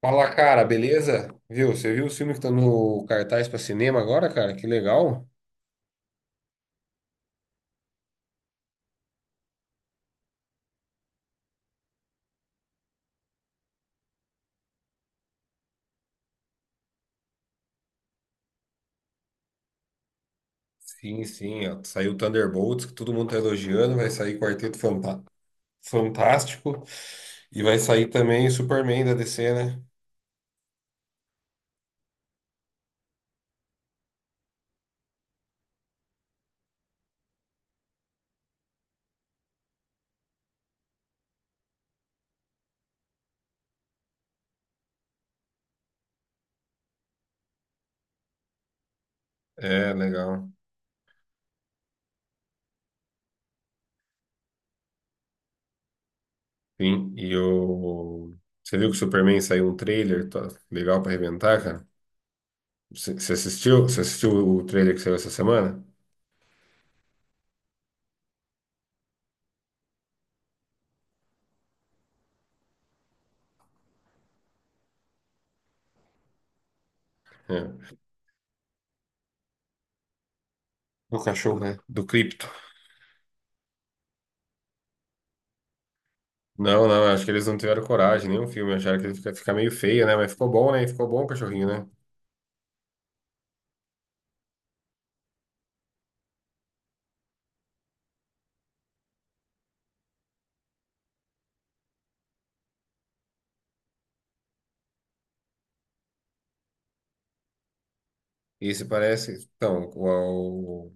Fala, cara, beleza? Viu? Você viu os filmes que estão no cartaz para cinema agora, cara? Que legal. Sim, sim. Ó, saiu Thunderbolts, que todo mundo tá elogiando. Vai sair Fantástico. E vai sair também Superman da DC, né? É, legal. Sim. E o. Você viu que o Superman saiu um trailer? Tá legal para arrebentar, cara. Você assistiu? Você assistiu o trailer que saiu essa semana? É. Do cachorro, né? Do Krypto. Não, não, acho que eles não tiveram coragem, nenhum filme, acharam que ele fica meio feio, né? Mas ficou bom, né? Ficou bom o cachorrinho, né? E se parece, então,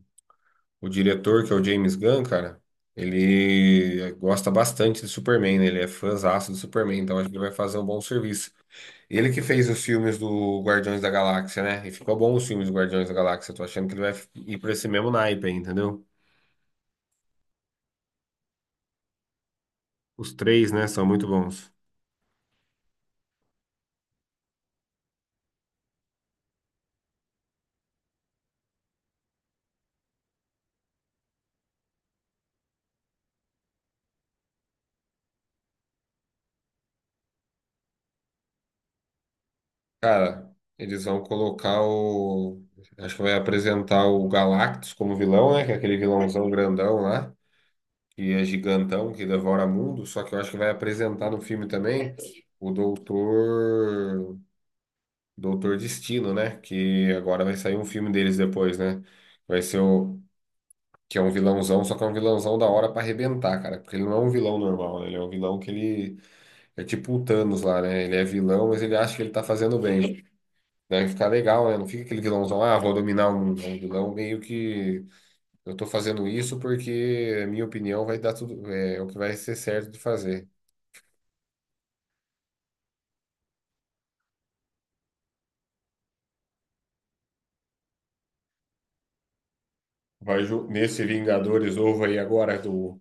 o diretor, que é o James Gunn, cara, ele gosta bastante do Superman, né? Ele é fãzaço do Superman, então acho que ele vai fazer um bom serviço. Ele que fez os filmes do Guardiões da Galáxia, né? E ficou bom os filmes do Guardiões da Galáxia, tô achando que ele vai ir por esse mesmo naipe aí, entendeu? Os três, né, são muito bons. Cara, eles vão colocar o. Acho que vai apresentar o Galactus como vilão, né? Que é aquele vilãozão grandão lá, que é gigantão, que devora mundo. Só que eu acho que vai apresentar no filme também o Doutor. Doutor Destino, né? Que agora vai sair um filme deles depois, né? Vai ser o. Que é um vilãozão, só que é um vilãozão da hora pra arrebentar, cara. Porque ele não é um vilão normal, né? Ele é um vilão que ele. É tipo o Thanos lá, né? Ele é vilão, mas ele acha que ele tá fazendo bem. Deve ficar legal, né? Não fica aquele vilãozão, ah, vou dominar um vilão, meio que eu tô fazendo isso porque, a minha opinião, vai dar tudo, o que vai ser certo de fazer. Nesse Vingadores novo aí agora do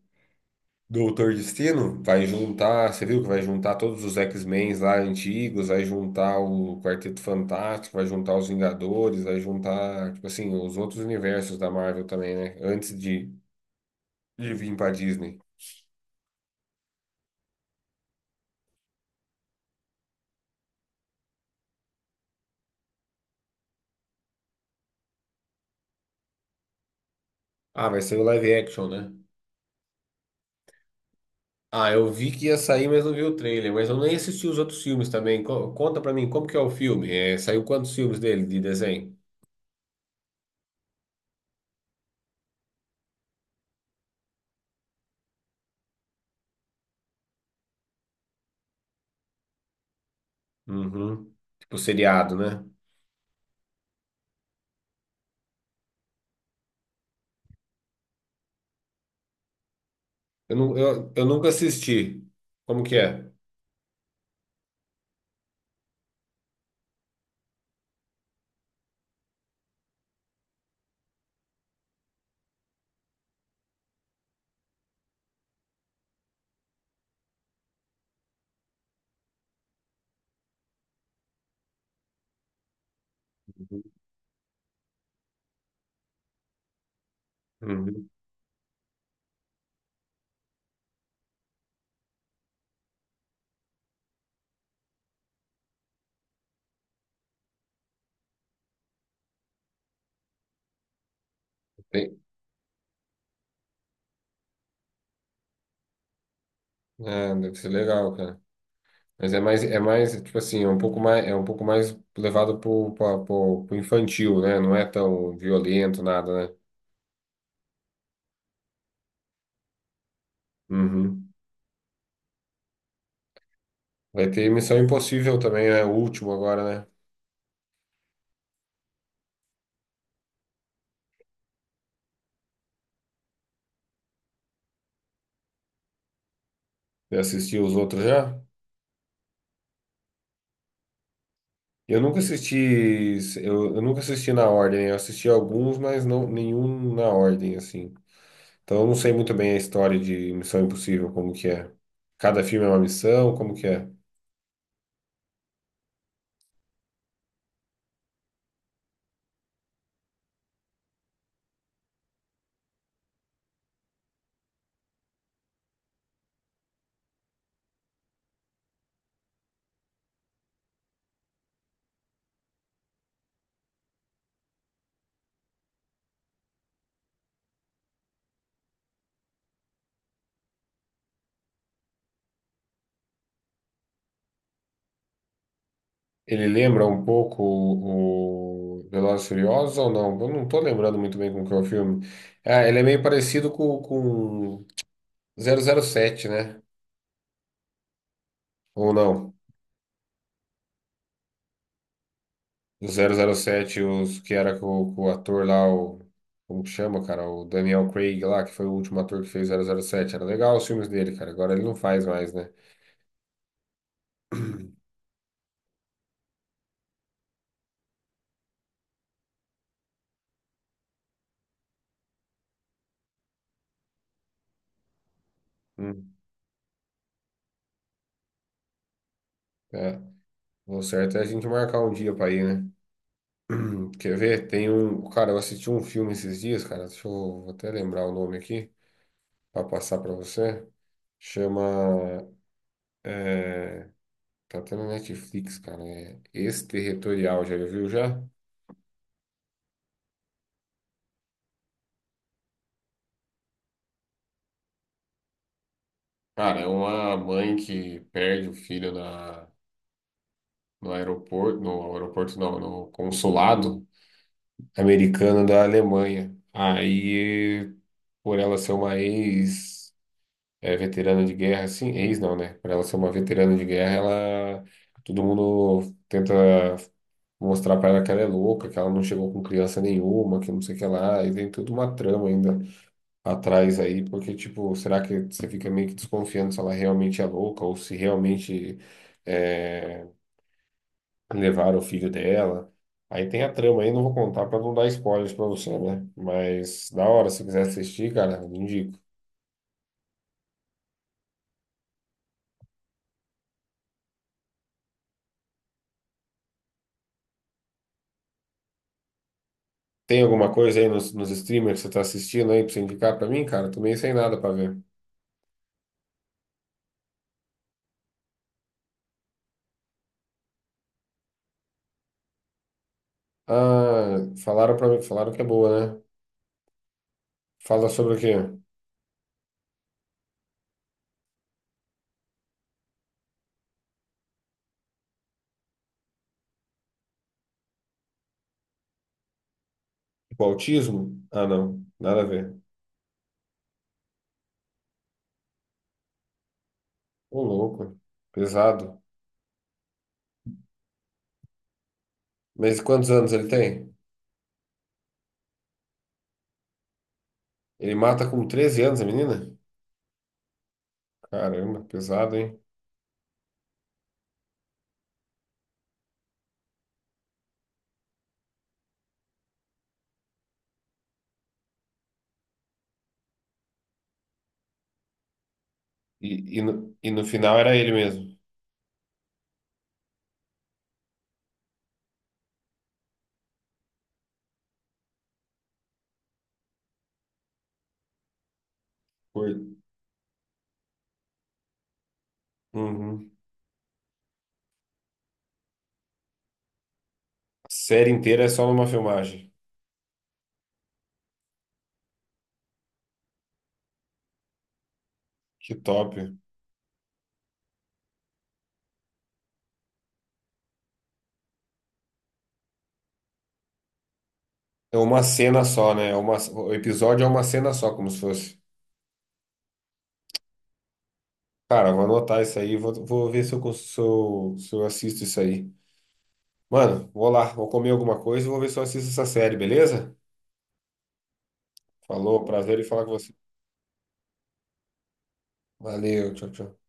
Doutor Destino, vai juntar, você viu que vai juntar todos os X-Men lá antigos, vai juntar o Quarteto Fantástico, vai juntar os Vingadores, vai juntar, tipo assim, os outros universos da Marvel também, né? Antes de vir pra Disney. Ah, vai ser o live action, né? Ah, eu vi que ia sair, mas não vi o trailer. Mas eu nem assisti os outros filmes também. Conta pra mim, como que é o filme? É, saiu quantos filmes dele de desenho? Uhum. Tipo seriado, né? Não, eu nunca assisti. Como que é? Uhum. Uhum. Tem- Ah, deve ser legal, cara. Mas é mais, tipo assim, é um pouco mais, é um pouco mais levado pro infantil, né? Não é tão violento, nada, né? Uhum. Vai ter Missão Impossível também, né? O último agora, né? Você assistiu os outros já? Eu nunca assisti, eu nunca assisti na ordem. Eu assisti alguns, mas não nenhum na ordem assim. Então eu não sei muito bem a história de Missão Impossível, como que é. Cada filme é uma missão, como que é? Ele lembra um pouco o Velozes e Furiosos ou não? Eu não tô lembrando muito bem como que é o filme. Ah, ele é meio parecido com zero zero sete, né? Ou não? Do 007, os, que era com o ator lá, o, como que chama, cara? O Daniel Craig lá, que foi o último ator que fez 007. Era legal os filmes dele, cara. Agora ele não faz mais, né? Hum. É, o certo é a gente marcar um dia pra ir, né? Quer ver? Tem um. Cara, eu assisti um filme esses dias, cara. Deixa eu vou até lembrar o nome aqui, pra passar pra você. Chama. É, tá até na Netflix, cara. É Exterritorial, já viu já? Cara, é uma mãe que perde o filho na, no aeroporto, no aeroporto não, no consulado americano da Alemanha. Aí, por ela ser uma ex, veterana de guerra, assim, ex não, né? Por ela ser uma veterana de guerra, ela, todo mundo tenta mostrar pra ela que ela é louca, que ela não chegou com criança nenhuma, que não sei o que lá, e tem toda uma trama ainda atrás aí, porque, tipo, será que você fica meio que desconfiando se ela realmente é louca ou se realmente é, levaram o filho dela? Aí tem a trama aí, não vou contar pra não dar spoilers pra você, né? Mas da hora, se quiser assistir, cara, eu indico. Tem alguma coisa aí nos streamers que você tá assistindo aí pra você indicar pra mim, cara? Tô meio sem nada pra ver. Ah, falaram pra mim, falaram que é boa, né? Fala sobre o quê? O autismo? Ah, não, nada a ver. Ô, louco, pesado. Mas quantos anos ele tem? Ele mata com 13 anos a menina? Caramba, pesado, hein? E, e no final era ele mesmo. Por... Uhum. A série inteira é só numa filmagem. Que top. É uma cena só, né? É uma, o episódio é uma cena só, como se fosse. Cara, vou anotar isso aí, vou ver se eu, se eu assisto isso aí. Mano, vou lá, vou comer alguma coisa e vou ver se eu assisto essa série, beleza? Falou, prazer em falar com você. Valeu, tchau, tchau.